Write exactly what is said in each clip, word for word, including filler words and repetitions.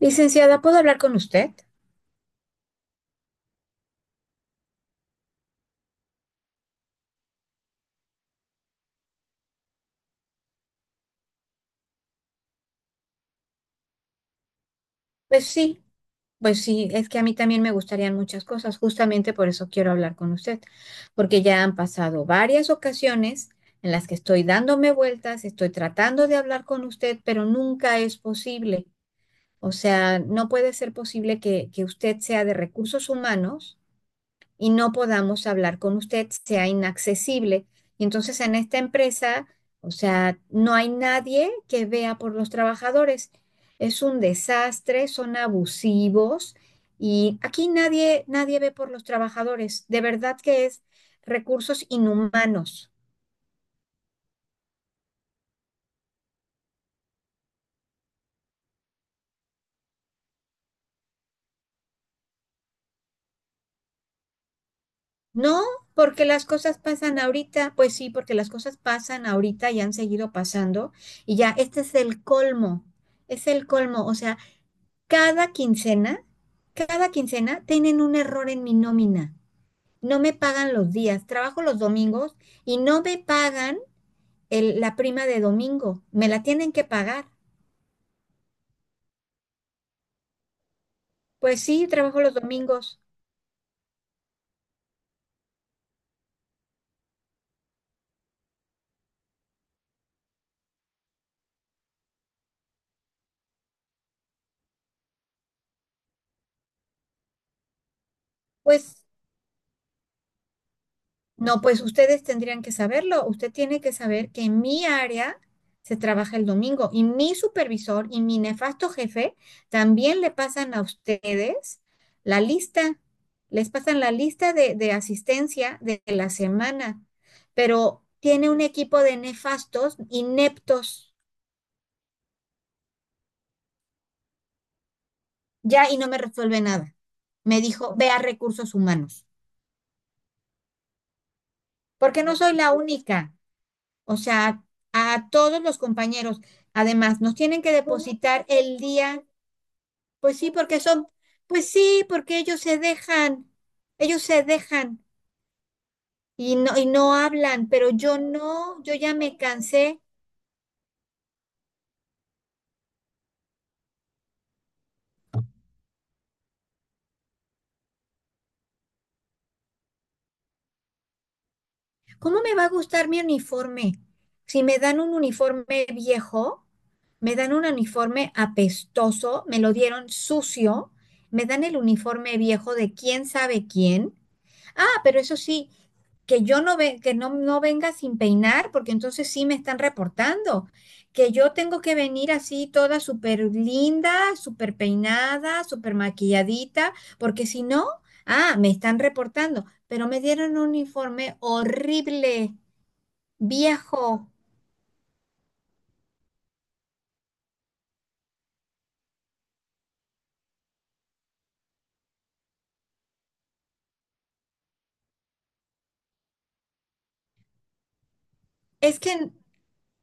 Licenciada, ¿puedo hablar con usted? Pues sí, pues sí, es que a mí también me gustarían muchas cosas, justamente por eso quiero hablar con usted, porque ya han pasado varias ocasiones en las que estoy dándome vueltas, estoy tratando de hablar con usted, pero nunca es posible. O sea, no puede ser posible que, que usted sea de recursos humanos y no podamos hablar con usted, sea inaccesible. Y entonces en esta empresa, o sea, no hay nadie que vea por los trabajadores. Es un desastre, son abusivos y aquí nadie, nadie ve por los trabajadores. De verdad que es recursos inhumanos. No, porque las cosas pasan ahorita, pues sí, porque las cosas pasan ahorita y han seguido pasando y ya, este es el colmo, es el colmo, o sea, cada quincena, cada quincena tienen un error en mi nómina. No me pagan los días, trabajo los domingos y no me pagan el- la prima de domingo. Me la tienen que pagar. Pues sí, trabajo los domingos. Pues no, pues ustedes tendrían que saberlo. Usted tiene que saber que en mi área se trabaja el domingo y mi supervisor y mi nefasto jefe también le pasan a ustedes la lista, les pasan la lista de, de asistencia de la semana, pero tiene un equipo de nefastos, ineptos, ya y no me resuelve nada. Me dijo, ve a recursos humanos, porque no soy la única. O sea, a todos los compañeros. Además, nos tienen que depositar el día, pues sí, porque son, pues sí, porque ellos se dejan, ellos se dejan y no, y no hablan, pero yo no, yo ya me cansé. ¿Cómo me va a gustar mi uniforme? Si me dan un uniforme viejo, me dan un uniforme apestoso, me lo dieron sucio, me dan el uniforme viejo de quién sabe quién. Ah, pero eso sí, que yo no ve, que no, no venga sin peinar, porque entonces sí me están reportando. Que yo tengo que venir así toda súper linda, súper peinada, súper maquilladita, porque si no, ah, me están reportando. Pero me dieron un informe horrible, viejo. Es que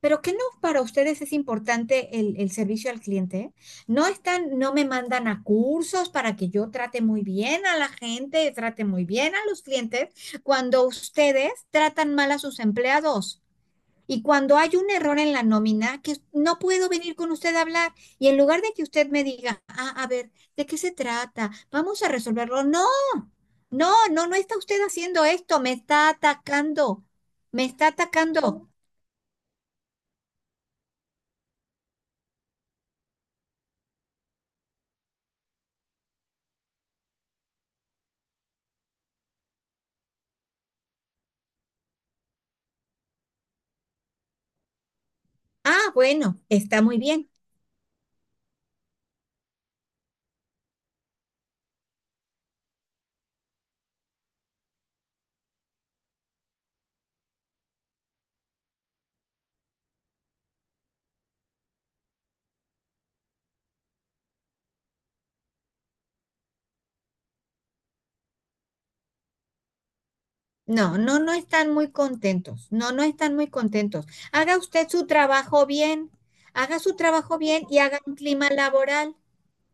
pero ¿qué no para ustedes es importante el, el servicio al cliente? No están, no me mandan a cursos para que yo trate muy bien a la gente, trate muy bien a los clientes, cuando ustedes tratan mal a sus empleados. Y cuando hay un error en la nómina, que no puedo venir con usted a hablar. Y en lugar de que usted me diga, ah, a ver, ¿de qué se trata? Vamos a resolverlo. No, no, no, no está usted haciendo esto, me está atacando, me está atacando. Ah, bueno, está muy bien. No, no, no están muy contentos. No, no están muy contentos. Haga usted su trabajo bien. Haga su trabajo bien y haga un clima laboral.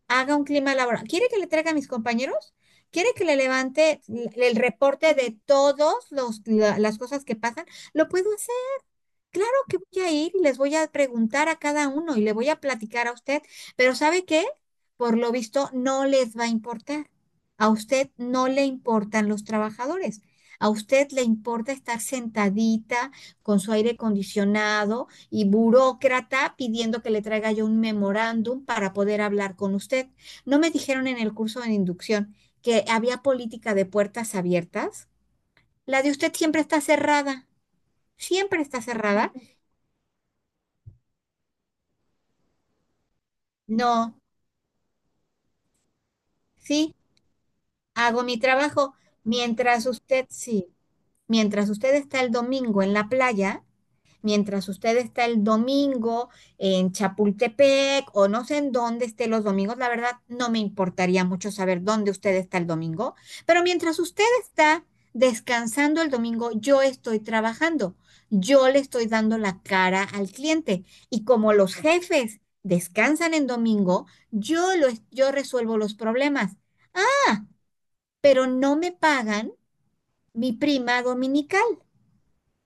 Haga un clima laboral. ¿Quiere que le traiga a mis compañeros? ¿Quiere que le levante l- el reporte de todas las cosas que pasan? Lo puedo. Claro que voy a ir y les voy a preguntar a cada uno y le voy a platicar a usted, pero ¿sabe qué? Por lo visto no les va a importar. A usted no le importan los trabajadores. A usted le importa estar sentadita con su aire acondicionado y burócrata pidiendo que le traiga yo un memorándum para poder hablar con usted. ¿No me dijeron en el curso de inducción que había política de puertas abiertas? La de usted siempre está cerrada. Siempre está cerrada. No. Sí, hago mi trabajo. Mientras usted, sí, mientras usted está el domingo en la playa, mientras usted está el domingo en Chapultepec o no sé en dónde esté los domingos, la verdad no me importaría mucho saber dónde usted está el domingo, pero mientras usted está descansando el domingo, yo estoy trabajando. Yo le estoy dando la cara al cliente y como los jefes descansan en domingo, yo lo, yo resuelvo los problemas pero no me pagan mi prima dominical.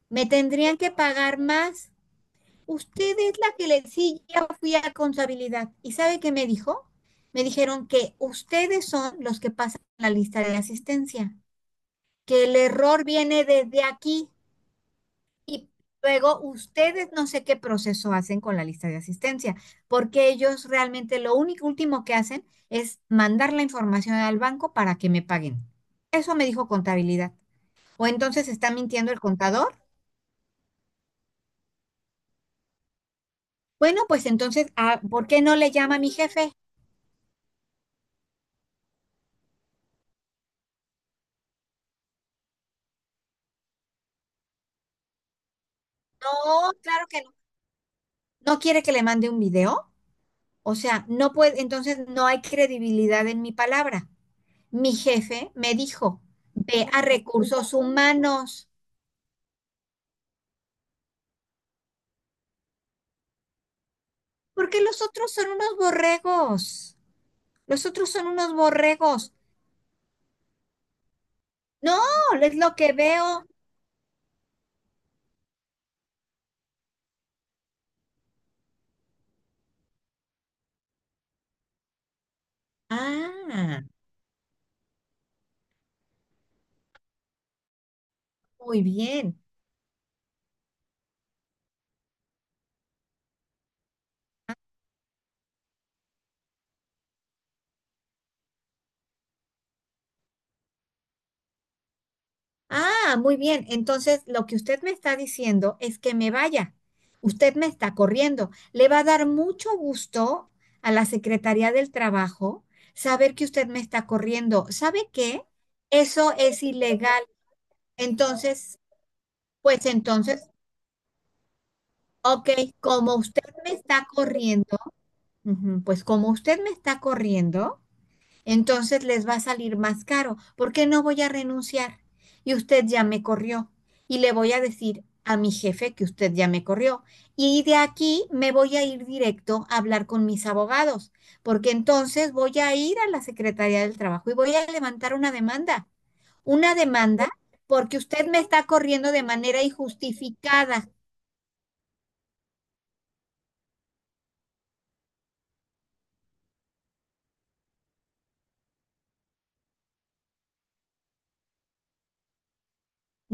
Me tendrían que pagar más. Usted es la que le sí, ya fui a contabilidad. ¿Y sabe qué me dijo? Me dijeron que ustedes son los que pasan la lista de asistencia, que el error viene desde aquí y luego ustedes no sé qué proceso hacen con la lista de asistencia, porque ellos realmente lo único último que hacen es mandar la información al banco para que me paguen. Eso me dijo contabilidad. O entonces está mintiendo el contador. Bueno, pues entonces, ah, ¿por qué no le llama a mi jefe? No, claro que no. ¿No quiere que le mande un video? O sea, no puede, entonces no hay credibilidad en mi palabra. Mi jefe me dijo, ve a recursos humanos, porque los otros son unos borregos. Los otros son unos borregos. No, es lo que veo. Ah, muy bien. Ah, muy bien. Entonces, lo que usted me está diciendo es que me vaya. Usted me está corriendo. Le va a dar mucho gusto a la Secretaría del Trabajo saber que usted me está corriendo. ¿Sabe qué? Eso es ilegal. Entonces, pues entonces, ok, como usted me está corriendo, ujú, pues como usted me está corriendo, entonces les va a salir más caro. ¿Por qué no voy a renunciar? Y usted ya me corrió. Y le voy a decir a mi jefe que usted ya me corrió. Y de aquí me voy a ir directo a hablar con mis abogados, porque entonces voy a ir a la Secretaría del Trabajo y voy a levantar una demanda. Una demanda porque usted me está corriendo de manera injustificada.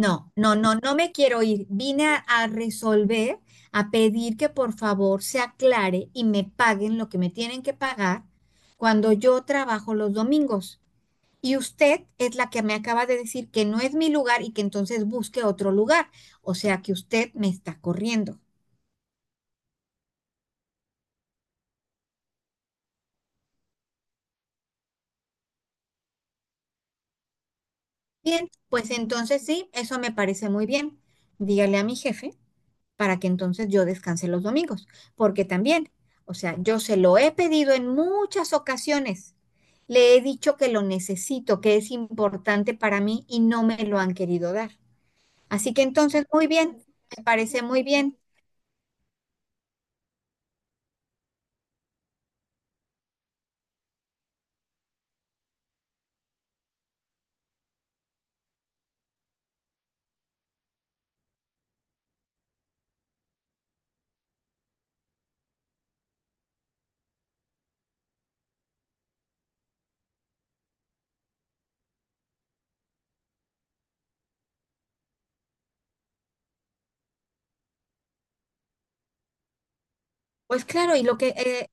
No, no, no, no me quiero ir. Vine a, a resolver, a pedir que por favor se aclare y me paguen lo que me tienen que pagar cuando yo trabajo los domingos. Y usted es la que me acaba de decir que no es mi lugar y que entonces busque otro lugar. O sea que usted me está corriendo. Bien, pues entonces sí, eso me parece muy bien. Dígale a mi jefe para que entonces yo descanse los domingos, porque también, o sea, yo se lo he pedido en muchas ocasiones, le he dicho que lo necesito, que es importante para mí y no me lo han querido dar. Así que entonces, muy bien, me parece muy bien. Pues claro, y lo que, eh,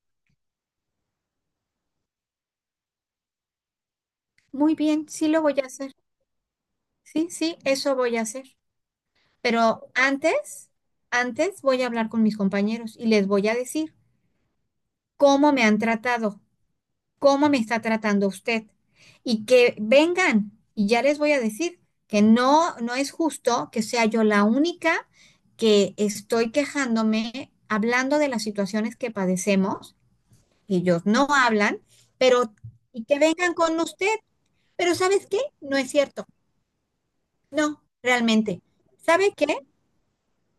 muy bien, sí lo voy a hacer, sí, sí, eso voy a hacer. Pero antes, antes voy a hablar con mis compañeros y les voy a decir cómo me han tratado, cómo me está tratando usted. Y que vengan, y ya les voy a decir que no, no es justo que sea yo la única que estoy quejándome, hablando de las situaciones que padecemos, ellos no hablan, pero y que vengan con usted, pero ¿sabes qué? No es cierto, no, realmente. ¿Sabe qué?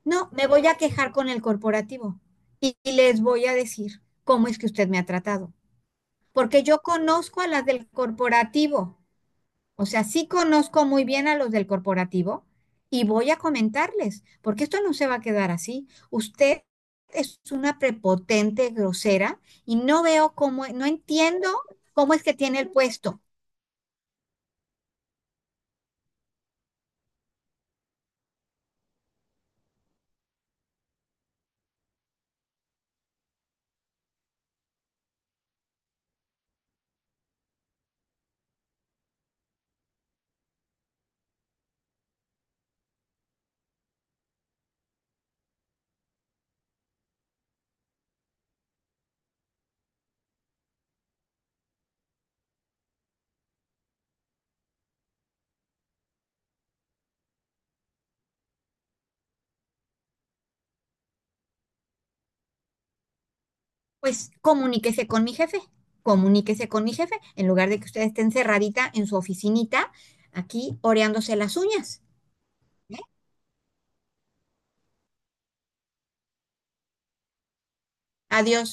No, me voy a quejar con el corporativo y, y les voy a decir cómo es que usted me ha tratado, porque yo conozco a las del corporativo. O sea, sí conozco muy bien a los del corporativo y voy a comentarles, porque esto no se va a quedar así. Usted es una prepotente, grosera, y no veo cómo, no entiendo cómo es que tiene el puesto. Pues comuníquese con mi jefe, comuníquese con mi jefe, en lugar de que usted esté encerradita en su oficinita, aquí oreándose las uñas. ¿Eh? Adiós.